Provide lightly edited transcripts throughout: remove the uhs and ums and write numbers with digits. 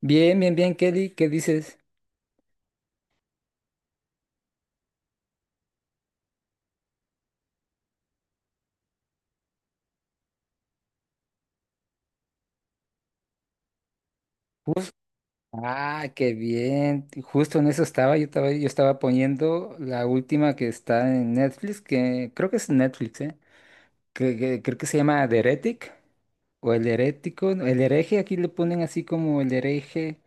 Bien, bien, bien, Kelly, ¿qué dices? Jus- ah, qué bien. Justo en eso estaba, yo estaba poniendo la última que está en Netflix, que creo que es Netflix, ¿eh? Creo que se llama The Heretic o El Herético, no, El Hereje, aquí le ponen así como El Hereje,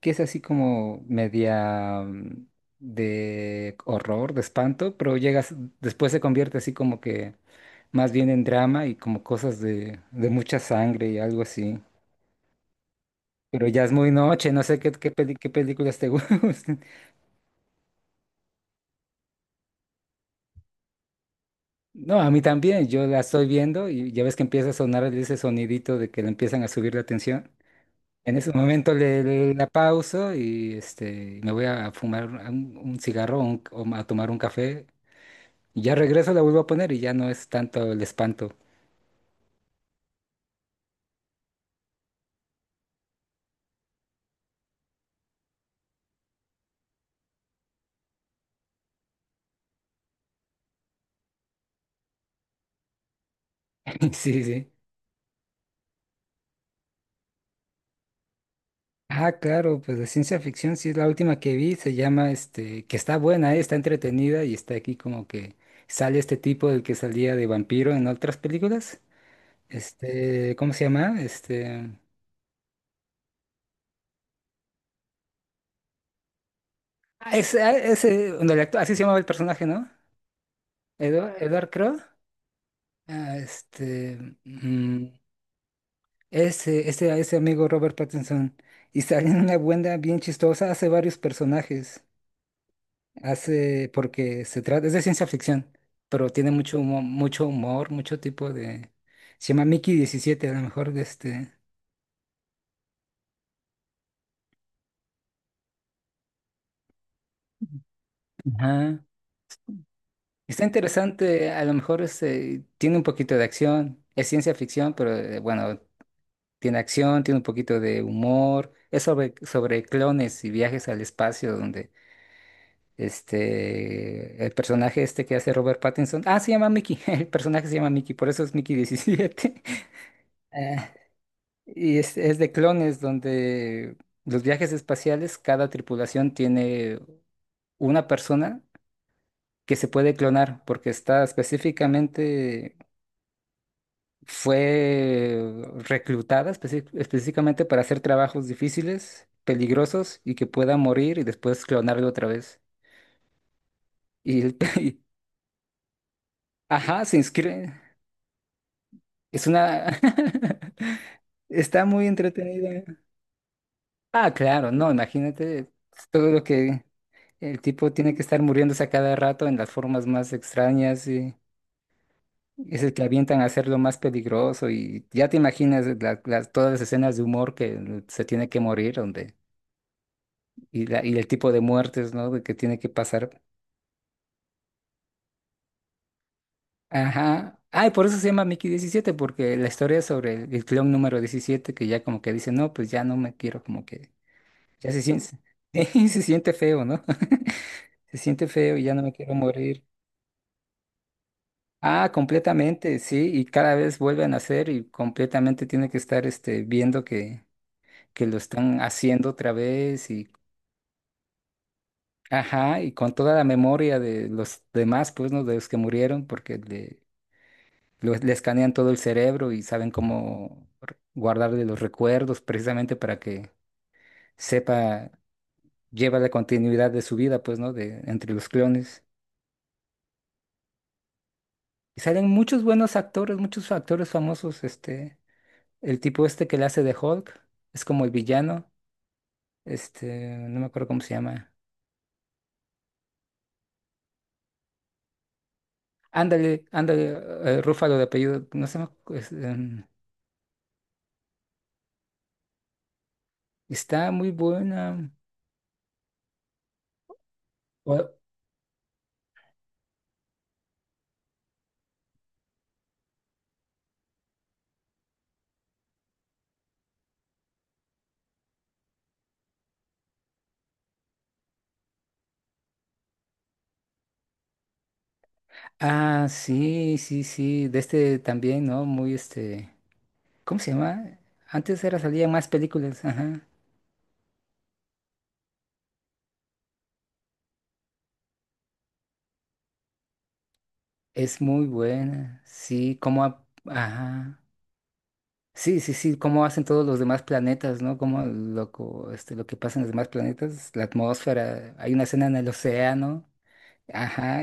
que es así como media, de horror, de espanto, pero llegas, después se convierte así como que más bien en drama y como cosas de mucha sangre y algo así. Pero ya es muy noche, no sé qué películas te gustan. No, a mí también, yo la estoy viendo y ya ves que empieza a sonar ese sonidito de que le empiezan a subir la tensión. En ese momento la pauso y este, me voy a fumar un cigarro o o a tomar un café. Y ya regreso, la vuelvo a poner y ya no es tanto el espanto. Sí, sí. Ah, claro, pues de ciencia ficción sí es la última que vi, se llama este, que está buena, está entretenida y está aquí como que sale este tipo del que salía de vampiro en otras películas. Este, ¿cómo se llama? Este, ah, ese, donde el así se llamaba el personaje, ¿no? Edward, Edward Crowe. Ah, este, mm, ese amigo Robert Pattinson y sale en una buena bien chistosa, hace varios personajes. Hace, porque se trata, es de ciencia ficción, pero tiene mucho humor, mucho humor, mucho tipo de... Se llama Mickey 17 a lo mejor de este... Ajá. Está interesante, a lo mejor este, tiene un poquito de acción, es ciencia ficción, pero bueno, tiene acción, tiene un poquito de humor, es sobre, sobre clones y viajes al espacio donde este, el personaje este que hace Robert Pattinson, ah, se llama Mickey. El personaje se llama Mickey, por eso es Mickey 17. Y es de clones donde los viajes espaciales, cada tripulación tiene una persona que se puede clonar porque está específicamente, fue reclutada específicamente para hacer trabajos difíciles, peligrosos y que pueda morir y después clonarlo otra vez. Y, el- y- ajá, se inscribe. Es una... Está muy entretenida. Ah, claro, no, imagínate todo lo que... El tipo tiene que estar muriéndose a cada rato en las formas más extrañas y es el que avientan a hacerlo más peligroso y ya te imaginas todas las escenas de humor que se tiene que morir donde y el tipo de muertes, ¿no? de que tiene que pasar. Ajá. Ah, y por eso se llama Mickey diecisiete porque la historia es sobre el clon número 17 que ya como que dice: "No, pues ya no me quiero como que ya se siente se siente feo, ¿no? Se siente feo y ya no me quiero morir". Ah, completamente, sí, y cada vez vuelven a hacer y completamente tiene que estar este viendo que lo están haciendo otra vez y ajá, y con toda la memoria de los demás, pues, ¿no? De los que murieron, porque le escanean todo el cerebro y saben cómo guardarle los recuerdos precisamente para que sepa, lleva la continuidad de su vida, pues, ¿no? De entre los clones. Y salen muchos buenos actores, muchos actores famosos, este. El tipo este que le hace de Hulk es como el villano. Este, no me acuerdo cómo se llama. Ándale, ándale, eh, Rúfalo de apellido. No sé, está muy buena. O- ah, sí, sí, sí. De este también, ¿no? Muy este. ¿Cómo se llama? Antes era salía más películas. Ajá. Es muy buena. Sí, como. Ajá. Sí, sí, sí, cómo hacen todos los demás planetas, ¿no? Cómo este, lo que pasa en los demás planetas, la atmósfera, hay una escena en el océano. Ajá,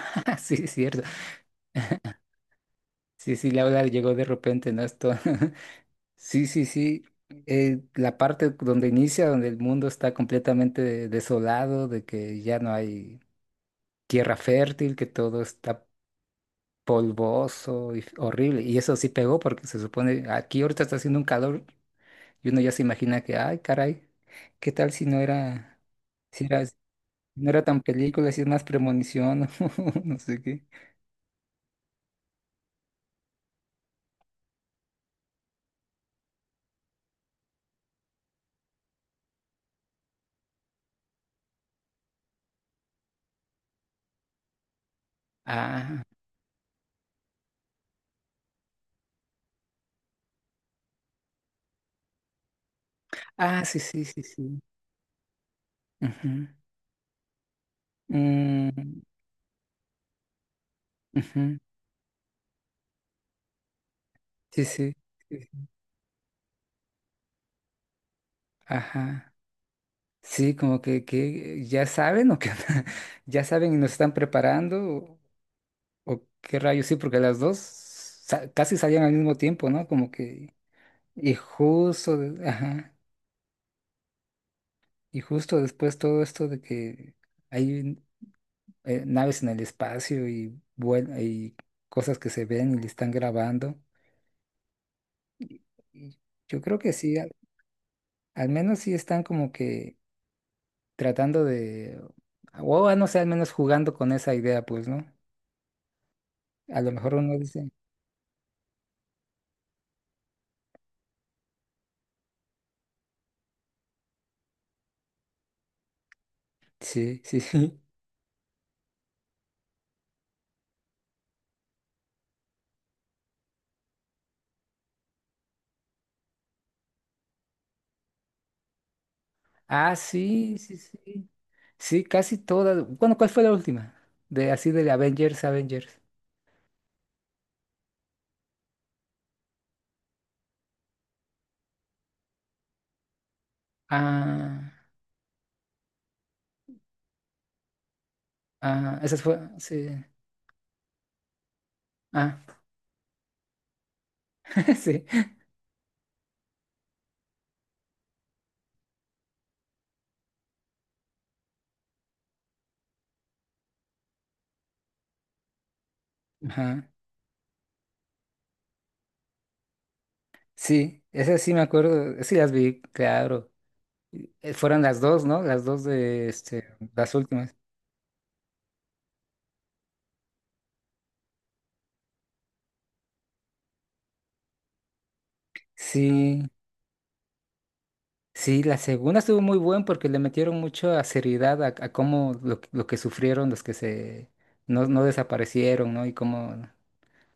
sí, es cierto. Sí, sí, la ola llegó de repente, ¿no? Esto. Sí, sí, sí. La parte donde inicia, donde el mundo está completamente desolado, de que ya no hay tierra fértil, que todo está polvoso y horrible. Y eso sí pegó porque se supone, aquí ahorita está haciendo un calor. Y uno ya se imagina que, ay, caray, ¿qué tal si no era, si era, si no era tan película, si es más premonición, no sé qué. Ah, ah, sí, sí, sí, sí. Ujú. Mm, ujú. Sí, sí. Sí. Sí. Ajá. Sí, como que ya saben o que ya saben y nos están preparando o qué rayos, sí, porque casi salían al mismo tiempo, ¿no? Como que y justo, ajá, y justo después todo esto de que hay naves en el espacio y, y cosas que se ven y le están grabando. Y yo creo que sí, al menos sí están como que tratando de, o ah, no sé, al menos jugando con esa idea, pues, ¿no? A lo mejor uno dice, sí, sí, sí. Ah, sí, sí, sí. Sí, casi todas. Bueno, ¿cuál fue la última? De así de Avengers, Avengers. Ah, ah, esas fue, sí. Ah, sí. Ajá. Sí, esas sí me acuerdo, sí las vi, claro. Fueron las dos, ¿no? Las dos de este, las últimas. Sí, sí, la segunda estuvo muy buena porque le metieron mucha seriedad a cómo que lo que sufrieron los que se no, no desaparecieron, ¿no? Y cómo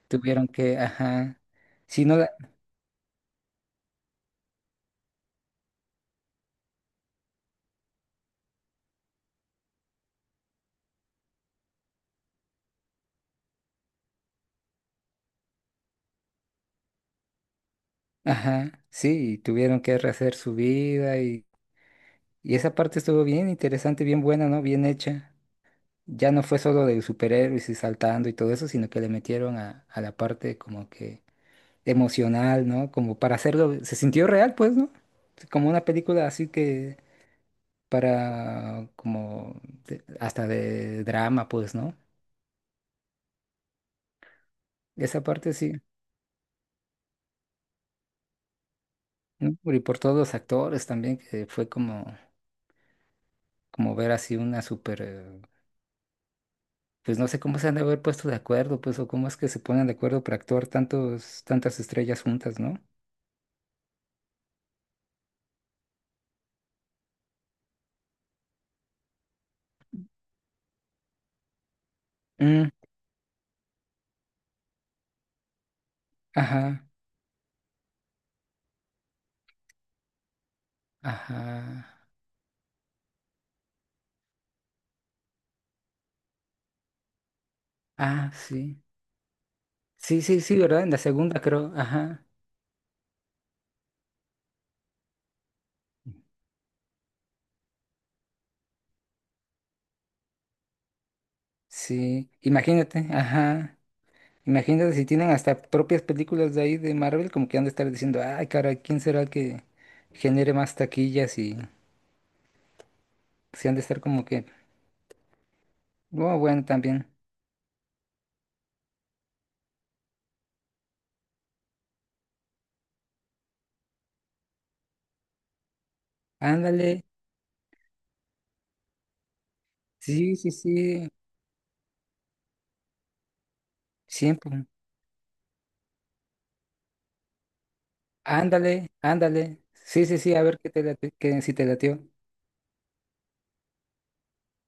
tuvieron que, ajá, sí, no, la- ajá, sí, y tuvieron que rehacer su vida y esa parte estuvo bien interesante, bien buena, ¿no? Bien hecha. Ya no fue solo de superhéroes y saltando y todo eso, sino que le metieron a la parte como que emocional, ¿no? Como para hacerlo, se sintió real, pues, ¿no? Como una película así que para, como, hasta de drama, pues, ¿no? Esa parte sí, ¿no? Y por todos los actores también, que fue como, como ver así una súper, pues no sé cómo se han de haber puesto de acuerdo, pues, o cómo es que se ponen de acuerdo para actuar tantos, tantas estrellas juntas, ¿no? Mm, ajá, ajá, ah, sí. Sí, sí, sí, ¿verdad? En la segunda creo, ajá. Sí, imagínate, ajá. Imagínate si tienen hasta propias películas de ahí de Marvel, como que han de estar diciendo, ay, cara, ¿quién será el que genere más taquillas? Y se han de estar como que, oh, bueno, también. Ándale, sí, sí, sí, siempre. Ándale, ándale. Sí, sí, sí, a ver qué te late, si te latió.